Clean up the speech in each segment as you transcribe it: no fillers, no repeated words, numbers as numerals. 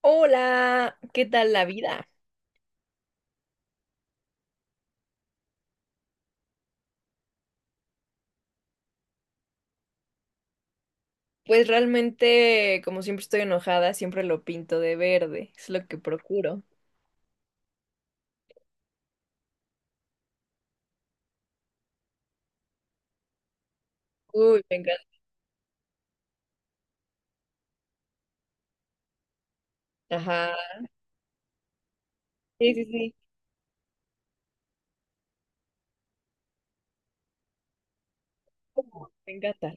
Hola, ¿qué tal la vida? Pues realmente, como siempre estoy enojada, siempre lo pinto de verde, es lo que procuro. Uy, me encanta. Ajá. Sí, sí, sí. Me encanta.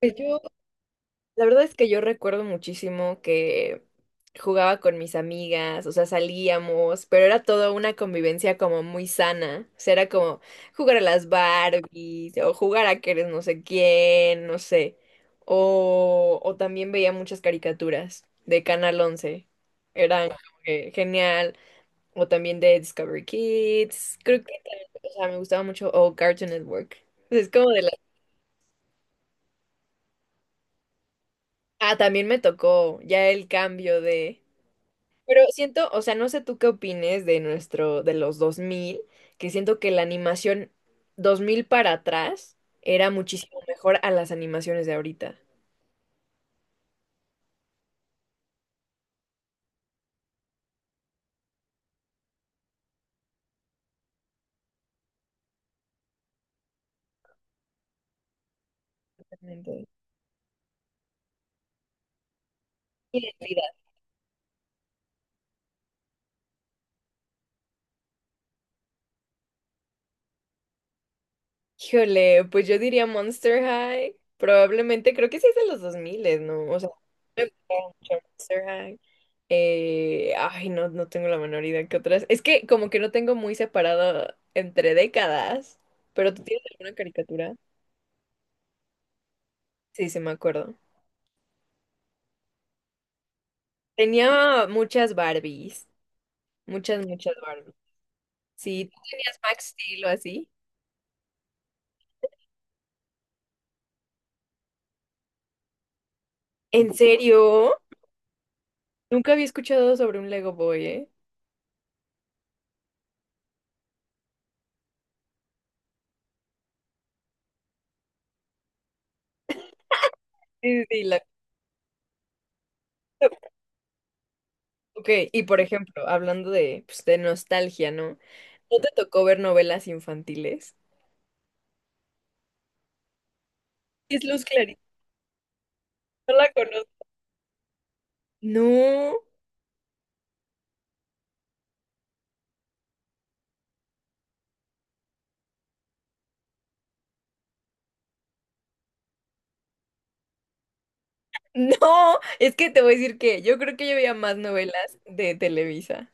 Pues yo la verdad es que yo recuerdo muchísimo que jugaba con mis amigas, o sea, salíamos, pero era toda una convivencia como muy sana. O sea, era como jugar a las Barbies o jugar a que eres no sé quién, no sé. O también veía muchas caricaturas de Canal once. Eran como que genial. O también de Discovery Kids. Creo que también, o sea, me gustaba mucho. O Cartoon Network. Es como de la... Ah, también me tocó ya el cambio de... Pero siento, o sea, no sé tú qué opines de nuestro, de los 2000, que siento que la animación 2000 para atrás era muchísimo mejor a las animaciones de ahorita. Totalmente. Identidad. Híjole, pues yo diría Monster High. Probablemente, creo que sí es de los 2000, ¿no? O sea, me gustaba mucho Monster High. Ay, no, no tengo la menor idea que otras. Es que como que no tengo muy separado entre décadas, pero tú tienes alguna caricatura. Sí, sí, me acuerdo. Tenía muchas Barbies, muchas, muchas Barbies. Sí, ¿tú tenías Max Steel o así? ¿En serio? Nunca había escuchado sobre un Lego Boy, ¿eh? Sí, sí, la... Ok, y por ejemplo, hablando de, pues, de nostalgia, ¿no? ¿No te tocó ver novelas infantiles? Es Luz Clarita, no la conozco. No, no, es que te voy a decir que yo creo que yo veía más novelas de Televisa.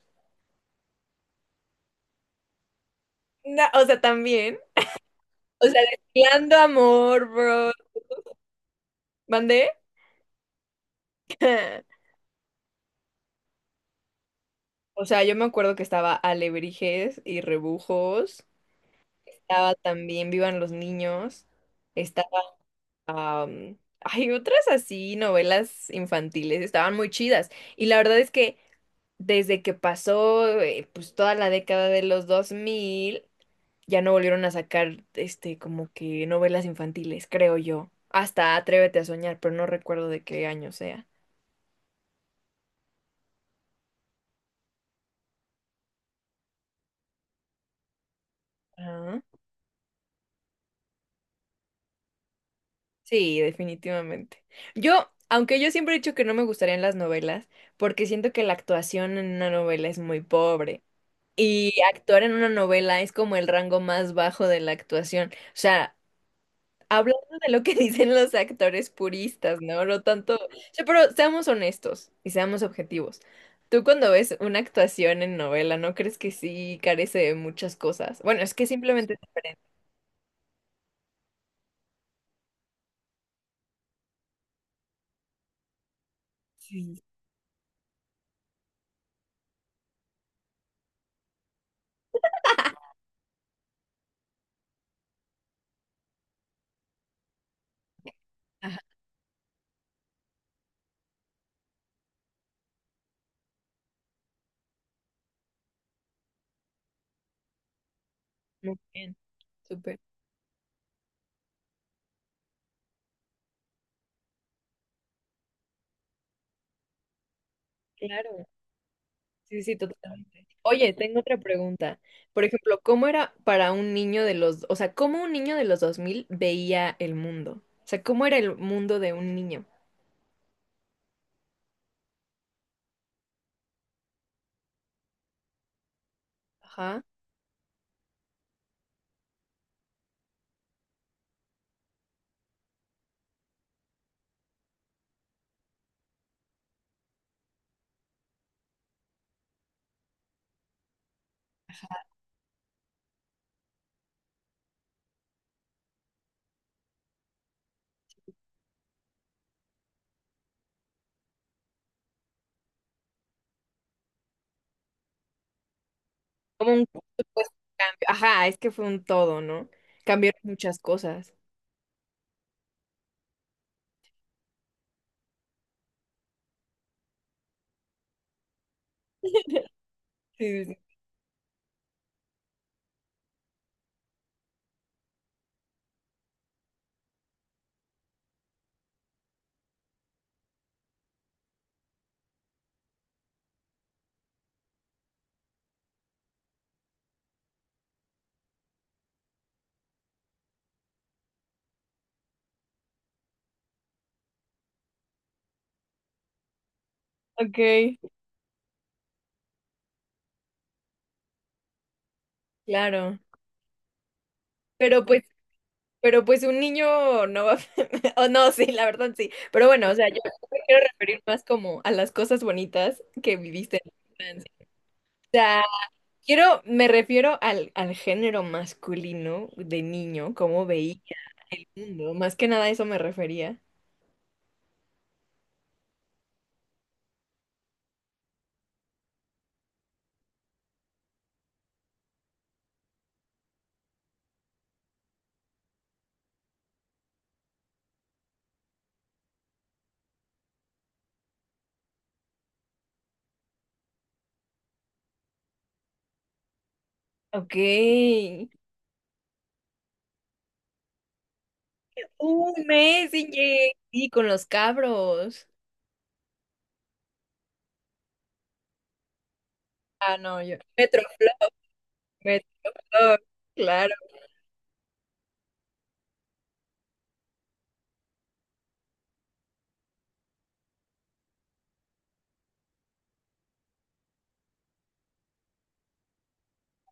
No, o sea, también, o sea, Destilando Amor, bro. ¿Mandé? O sea, yo me acuerdo que estaba Alebrijes y Rebujos, estaba también Vivan los Niños, estaba... hay otras así, novelas infantiles, estaban muy chidas. Y la verdad es que desde que pasó pues toda la década de los 2000, ya no volvieron a sacar este como que novelas infantiles, creo yo. Hasta Atrévete a soñar, pero no recuerdo de qué año sea. Sí, definitivamente. Aunque yo siempre he dicho que no me gustarían las novelas, porque siento que la actuación en una novela es muy pobre. Y actuar en una novela es como el rango más bajo de la actuación. O sea, hablando de lo que dicen los actores puristas, ¿no? No tanto. O sea, pero seamos honestos y seamos objetivos. Tú cuando ves una actuación en novela, ¿no crees que sí carece de muchas cosas? Bueno, es que simplemente es diferente. Sí. Ajá, muy bien. Súper. Claro. Sí, sí, totalmente. Oye, tengo otra pregunta. Por ejemplo, ¿cómo era para un niño de los, o sea, cómo un niño de los 2000 veía el mundo? O sea, ¿cómo era el mundo de un niño? Ajá. Como un supuesto cambio. Ajá, es que fue un todo, ¿no? Cambiaron muchas cosas. Sí, sí, sí. Ok, claro. Pero pues, pero pues un niño no va a... O no, sí, la verdad sí. Pero bueno, o sea, yo me quiero referir más como a las cosas bonitas que viviste en la infancia. Quiero, me refiero al, al género masculino de niño, cómo veía el mundo. Más que nada a eso me refería. Ok. Un mes y sí, con los cabros. Ah, no, yo. Metroflog, Metroflog, claro,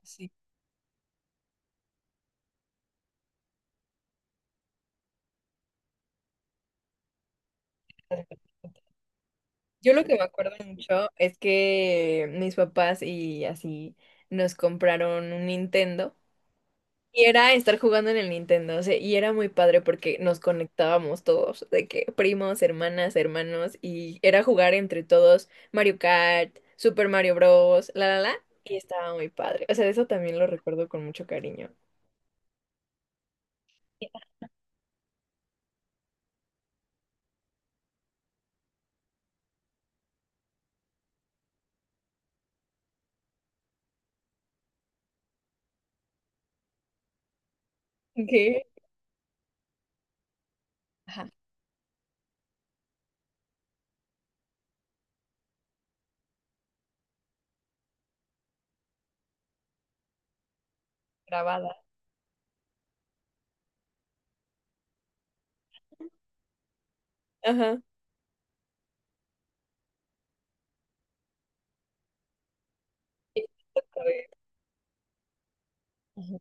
sí. Yo lo que me acuerdo mucho es que mis papás y así nos compraron un Nintendo. Y era estar jugando en el Nintendo, o sea, y era muy padre porque nos conectábamos todos, de que primos, hermanas, hermanos, y era jugar entre todos Mario Kart, Super Mario Bros, la la la, y estaba muy padre. O sea, eso también lo recuerdo con mucho cariño. ¿Qué? Ajá, grabada. Ajá. Y-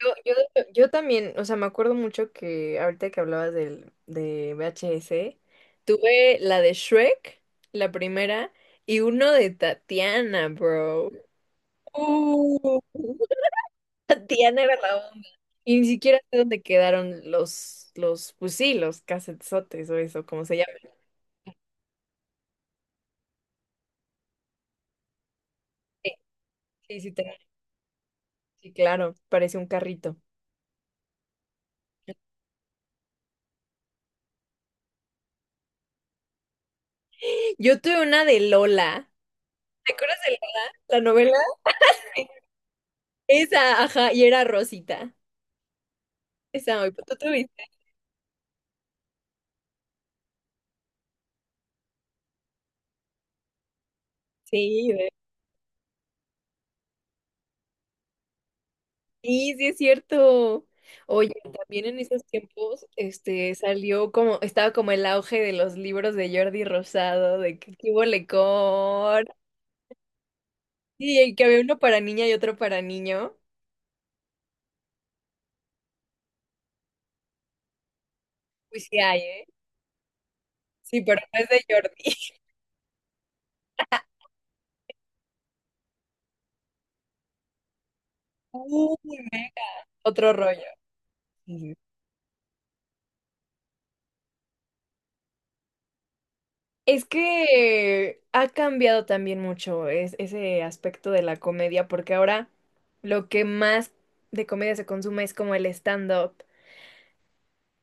De hecho- yo también, o sea, me acuerdo mucho que ahorita que hablabas del, de VHS, tuve la de Shrek, la primera, y uno de Tatiana, bro. Uh. Tatiana era la onda. Y ni siquiera sé dónde quedaron los, pues sí, los casetzotes o eso, como se llama. Sí, sí, sí, tengo- sí, claro, parece un carrito. Yo tuve una de Lola. ¿Te acuerdas de Lola? La novela. Esa, ajá, y era Rosita. Esa, ¿tú tuviste? Sí, ve- sí, sí es cierto. Oye, también en esos tiempos, este, salió como, estaba como el auge de los libros de Jordi Rosado, de que qué bolecón. Sí, el que había uno para niña y otro para niño. Pues sí hay, ¿eh? Sí, pero no es de Jordi. Uy, me- Otro rollo. Sí. Es que ha cambiado también mucho es- ese aspecto de la comedia, porque ahora lo que más de comedia se consume es como el stand-up.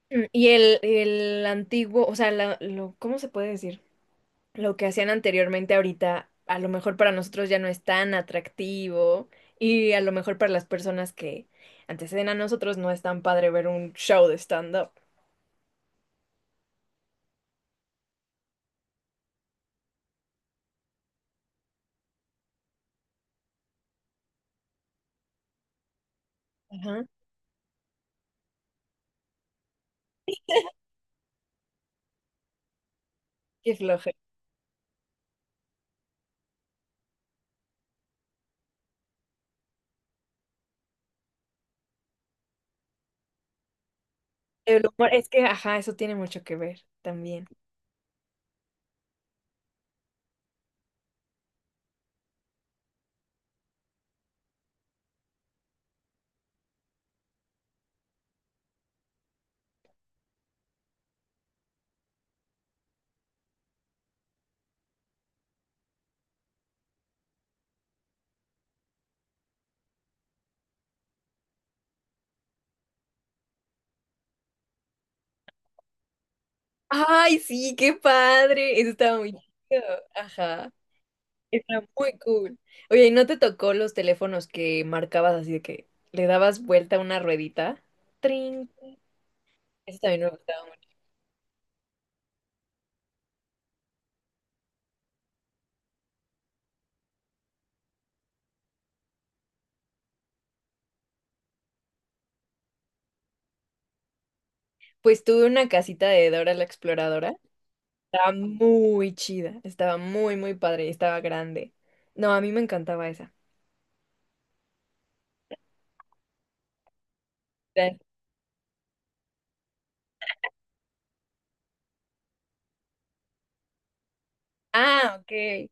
Mm, y el antiguo, o sea, la- lo, ¿cómo se puede decir? Lo que hacían anteriormente ahorita, a lo mejor para nosotros ya no es tan atractivo y a lo mejor para las personas que anteceden a nosotros no es tan padre ver un show de stand-up. Ajá. Qué flojera. El humor, es que, ajá, eso tiene mucho que ver también. Ay, sí, qué padre. Eso estaba muy chido. Ajá. Está muy cool. Oye, ¿y no te tocó los teléfonos que marcabas así de que le dabas vuelta a una ruedita? Trin. Eso también me gustaba mucho. Pues tuve una casita de Dora la Exploradora. Estaba muy chida. Estaba muy, muy padre. Estaba grande. No, a mí me encantaba esa. Era- Ah, ok.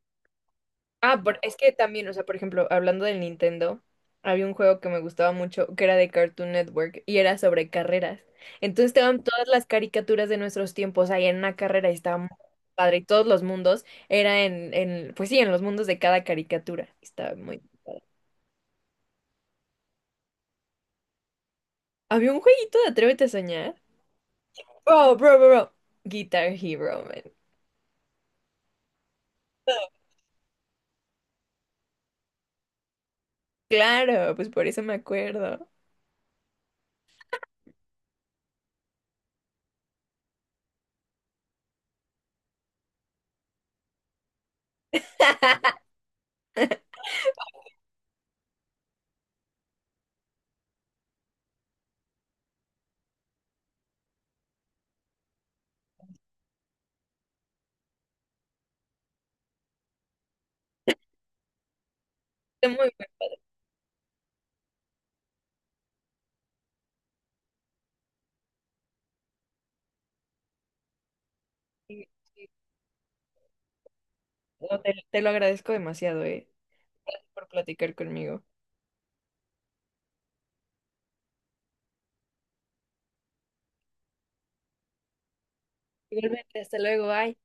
Ah, por- es que también, o sea, por ejemplo, hablando del Nintendo, había un juego que me gustaba mucho que era de Cartoon Network y era sobre carreras. Entonces estaban todas las caricaturas de nuestros tiempos ahí en una carrera y estaba muy padre. Y todos los mundos era en, pues sí, en los mundos de cada caricatura. Estaba muy. Había un jueguito de Atrévete a soñar. Bro, bro, bro, bro. Guitar Hero, man. Claro, pues por eso me acuerdo. Está muy, muy padre. Sí, sí. No, te lo agradezco demasiado, eh. Gracias por platicar conmigo. Igualmente, hasta luego, bye.